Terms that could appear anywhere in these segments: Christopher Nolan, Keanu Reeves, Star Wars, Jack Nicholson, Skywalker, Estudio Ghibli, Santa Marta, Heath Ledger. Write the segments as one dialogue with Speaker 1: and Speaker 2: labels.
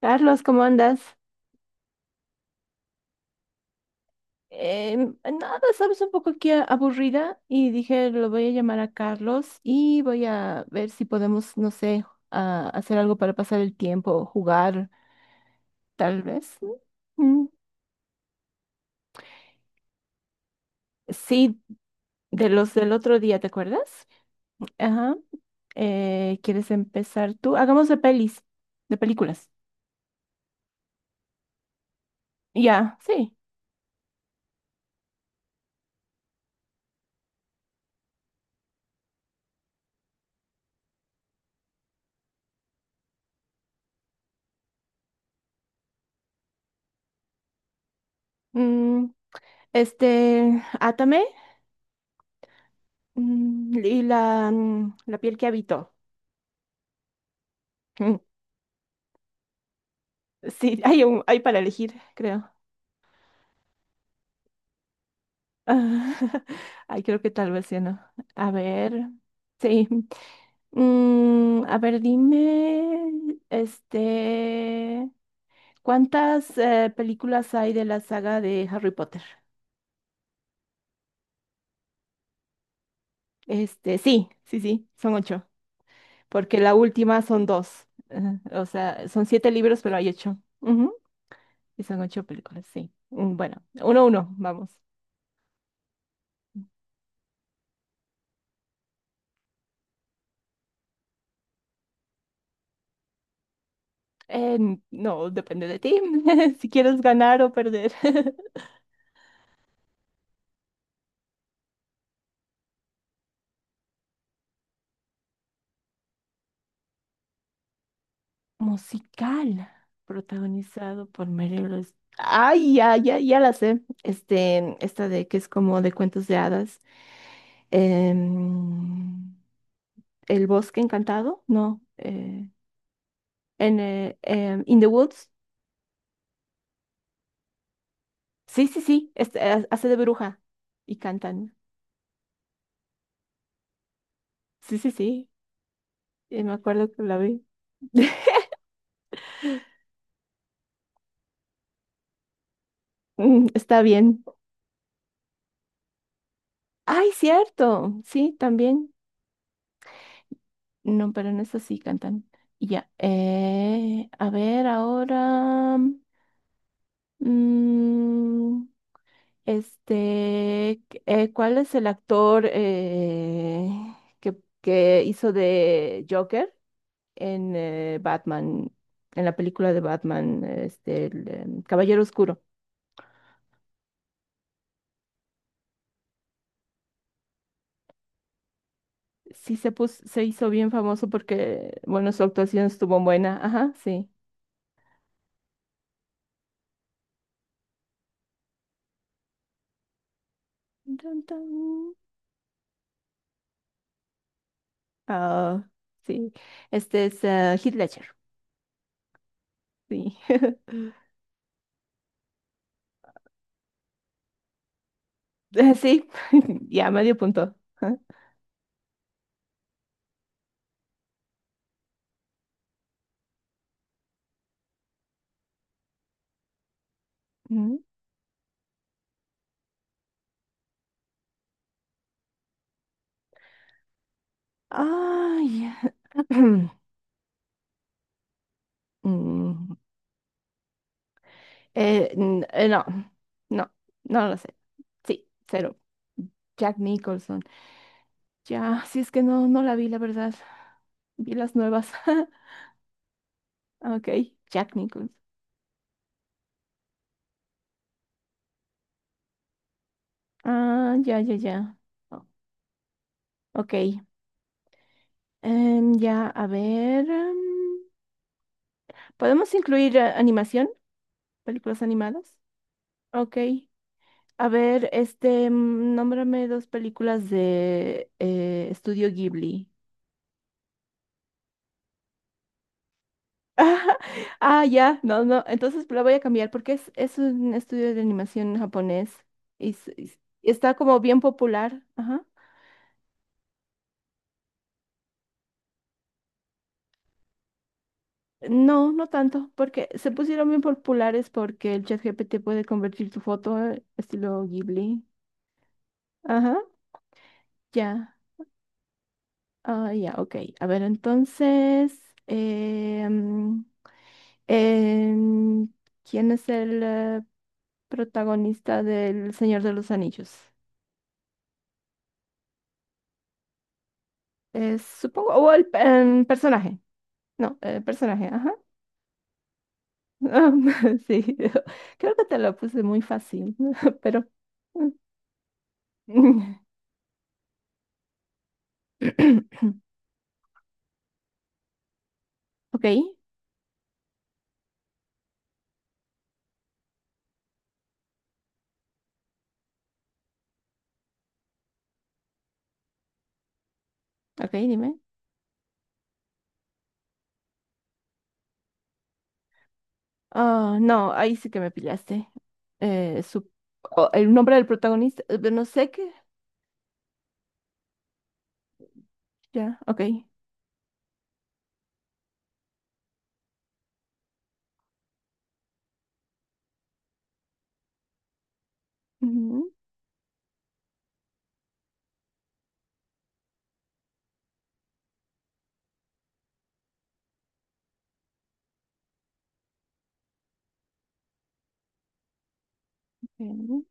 Speaker 1: Carlos, ¿cómo andas? Nada, sabes, un poco aquí aburrida y dije, lo voy a llamar a Carlos y voy a ver si podemos, no sé, hacer algo para pasar el tiempo, jugar, tal vez. Mm, Sí, de los del otro día, ¿te acuerdas? Ajá. ¿Quieres empezar tú? Hagamos de pelis, de películas. Ya, sí. Mm, este, Átame y la piel que habito. Sí, hay para elegir, creo. Ay, creo que tal vez sí, ¿no? A ver, sí. A ver, dime, este, ¿cuántas películas hay de la saga de Harry Potter? Este, sí, son ocho, porque la última son dos. Ajá. O sea, son siete libros, pero hay ocho. Ujú. Y son ocho películas, sí. Bueno, uno a uno, vamos. Eh, no, depende de ti, si quieres ganar o perder. Musical, protagonizado por Meryl Streep. Ay, ya, ya, ya la sé. Este, esta de que es como de cuentos de hadas. Em, El bosque encantado, no. In the Woods. Sí, sí, sí. Este, hace de bruja y cantan. Sí, sí, sí. Me acuerdo que la vi. Está bien. Ay, cierto. Sí, también. No, pero en esta sí cantan. Y ya. A ver, ahora. mm, ¿Cuál es el actor que, que hizo de Joker en Batman? En la película de Batman, este, Caballero Oscuro. Sí se se hizo bien famoso porque, bueno, su actuación estuvo buena. Ajá, sí. Dun, dun. Ah, sí. Este es Heath Ledger. Sí. Sí, ya medio punto. Ajá. Mm. Ay. Mm. No, no, no lo sé. Sí, cero. Jack Nicholson. Ya, si es que no, no la vi, la verdad. Vi las nuevas. Ok, Jack Nicholson. Ah, ya, ya, ya. O- Ok. Ya, a ver. ¿Podemos incluir animación? ¿Películas animadas? Ok. A ver, este, nómbrame dos películas de Estudio Ghibli. Ah, ya, no, no, entonces la voy a cambiar porque es un estudio de animación japonés y está como bien popular. Ajá. No, no tanto, porque se pusieron bien populares porque el chat GPT puede convertir tu foto estilo Ghibli. Ajá, ya. Ah, ya, ok. A ver, entonces, eh, mm, em, ¿quién es el...? Protagonista del Señor de los Anillos. Es, supongo, o el personaje. No, el personaje, ajá. Sí, creo que te lo puse muy fácil, pero... mm. Ok, ok, dime. Ah, no, ahí sí que me pillaste. Eh, o el nombre del protagonista, no sé qué. Ya, ok. Ujú, ok.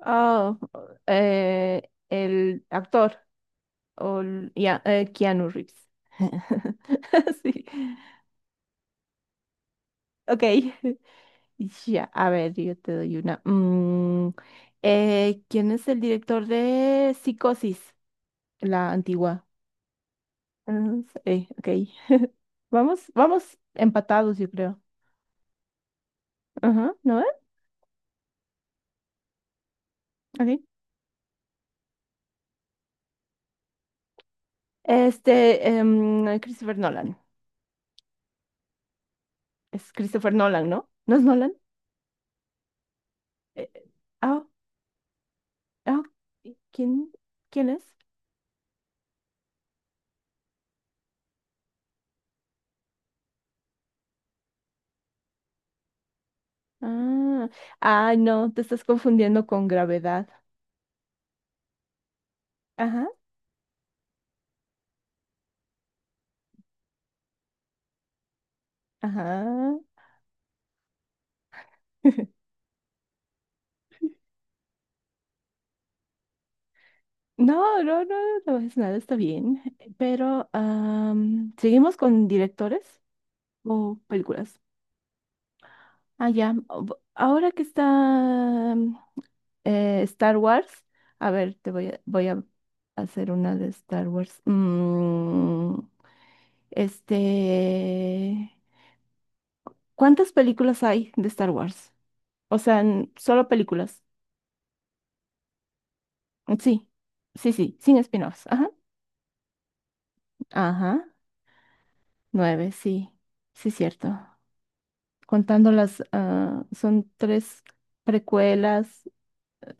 Speaker 1: Ah, el actor. O l- y a- Keanu Reeves. Sí. Ok. Ya, a ver, yo te doy una. ¿Quién es el director de Psicosis? La antigua. Mm, sí, ok. Vamos, vamos empatados, yo creo. Ajá, ¿no ve? Ok. Este, Christopher Nolan. Es Christopher Nolan, ¿no? ¿No es Nolan? Eh, ah, ah, ok. ¿Quién, quién es? Ah, ah, no, te estás confundiendo con Gravedad. Ajá, ajá. No, no, no, no es nada, está bien. Pero, am, ¿seguimos con directores o películas? Ah, ya. Ahora que está mm, Star Wars, a ver, voy a hacer una de Star Wars. Este, ¿cuántas películas hay de Star Wars? O sea, solo películas. Sí, sí, sí, sin spin-offs. Ajá, ajá. Nueve, sí, sí, cierto. Contando las, ah, son tres precuelas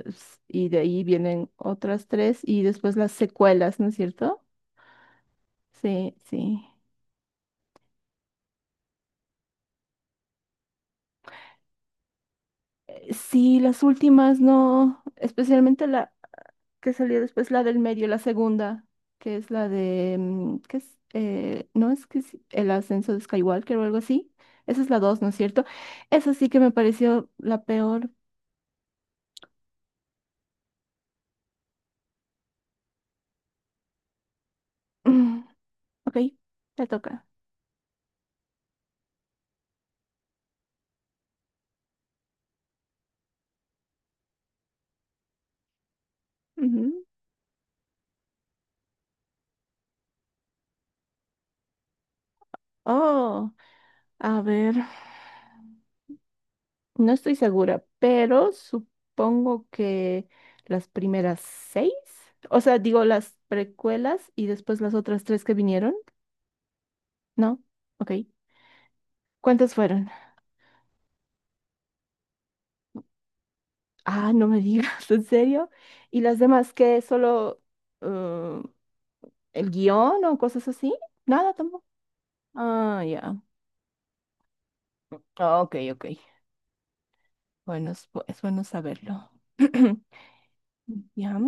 Speaker 1: y de ahí vienen otras tres y después las secuelas, ¿no es cierto? Sí, sí. Sí, las últimas no, especialmente la que salió después, la del medio, la segunda, que es la de, mm, ¿qué es? No es que es el ascenso de Skywalker o algo así. Esa es la dos, ¿no es cierto? Esa sí que me pareció la peor. Mm, Ok, te toca. Oh, a ver, no estoy segura, pero supongo que las primeras seis, o sea, digo las precuelas y después las otras tres que vinieron, ¿no? Ok. ¿Cuántas fueron? Ah, no me digas, ¿en serio? ¿Y las demás qué? ¿Solo eh, el guión o cosas así? Nada tampoco. Ah, ya. Ah, ok, ok. Bueno, es bueno saberlo. Ya.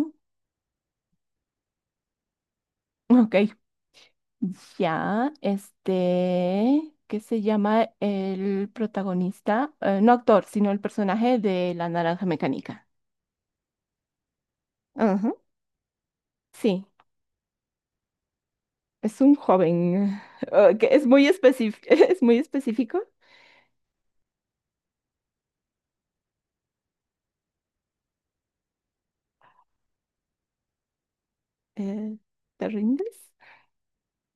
Speaker 1: Ok. Ya, este, ¿qué se llama el protagonista? No actor, sino el personaje de La Naranja Mecánica. Ajá. Sí, es un joven. Que es muy específico, es muy específico. eh, ¿Te rindes?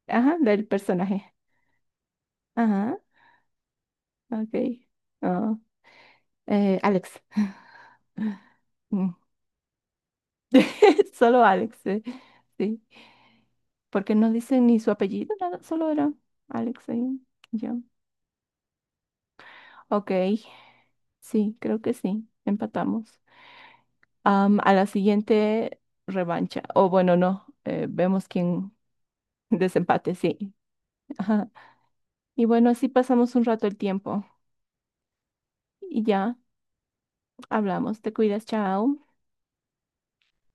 Speaker 1: Ajá, del personaje. Ajá, ok. Ah, Alex. Mm. Solo Alex, sí. Porque no dicen ni su apellido, nada, solo era Alex ahí. Ya. Ok, sí, creo que sí, empatamos. Am, a la siguiente revancha, o bueno, no, vemos quién desempate, sí. Ajá. Y bueno, así pasamos un rato el tiempo y ya hablamos. Te cuidas, chao.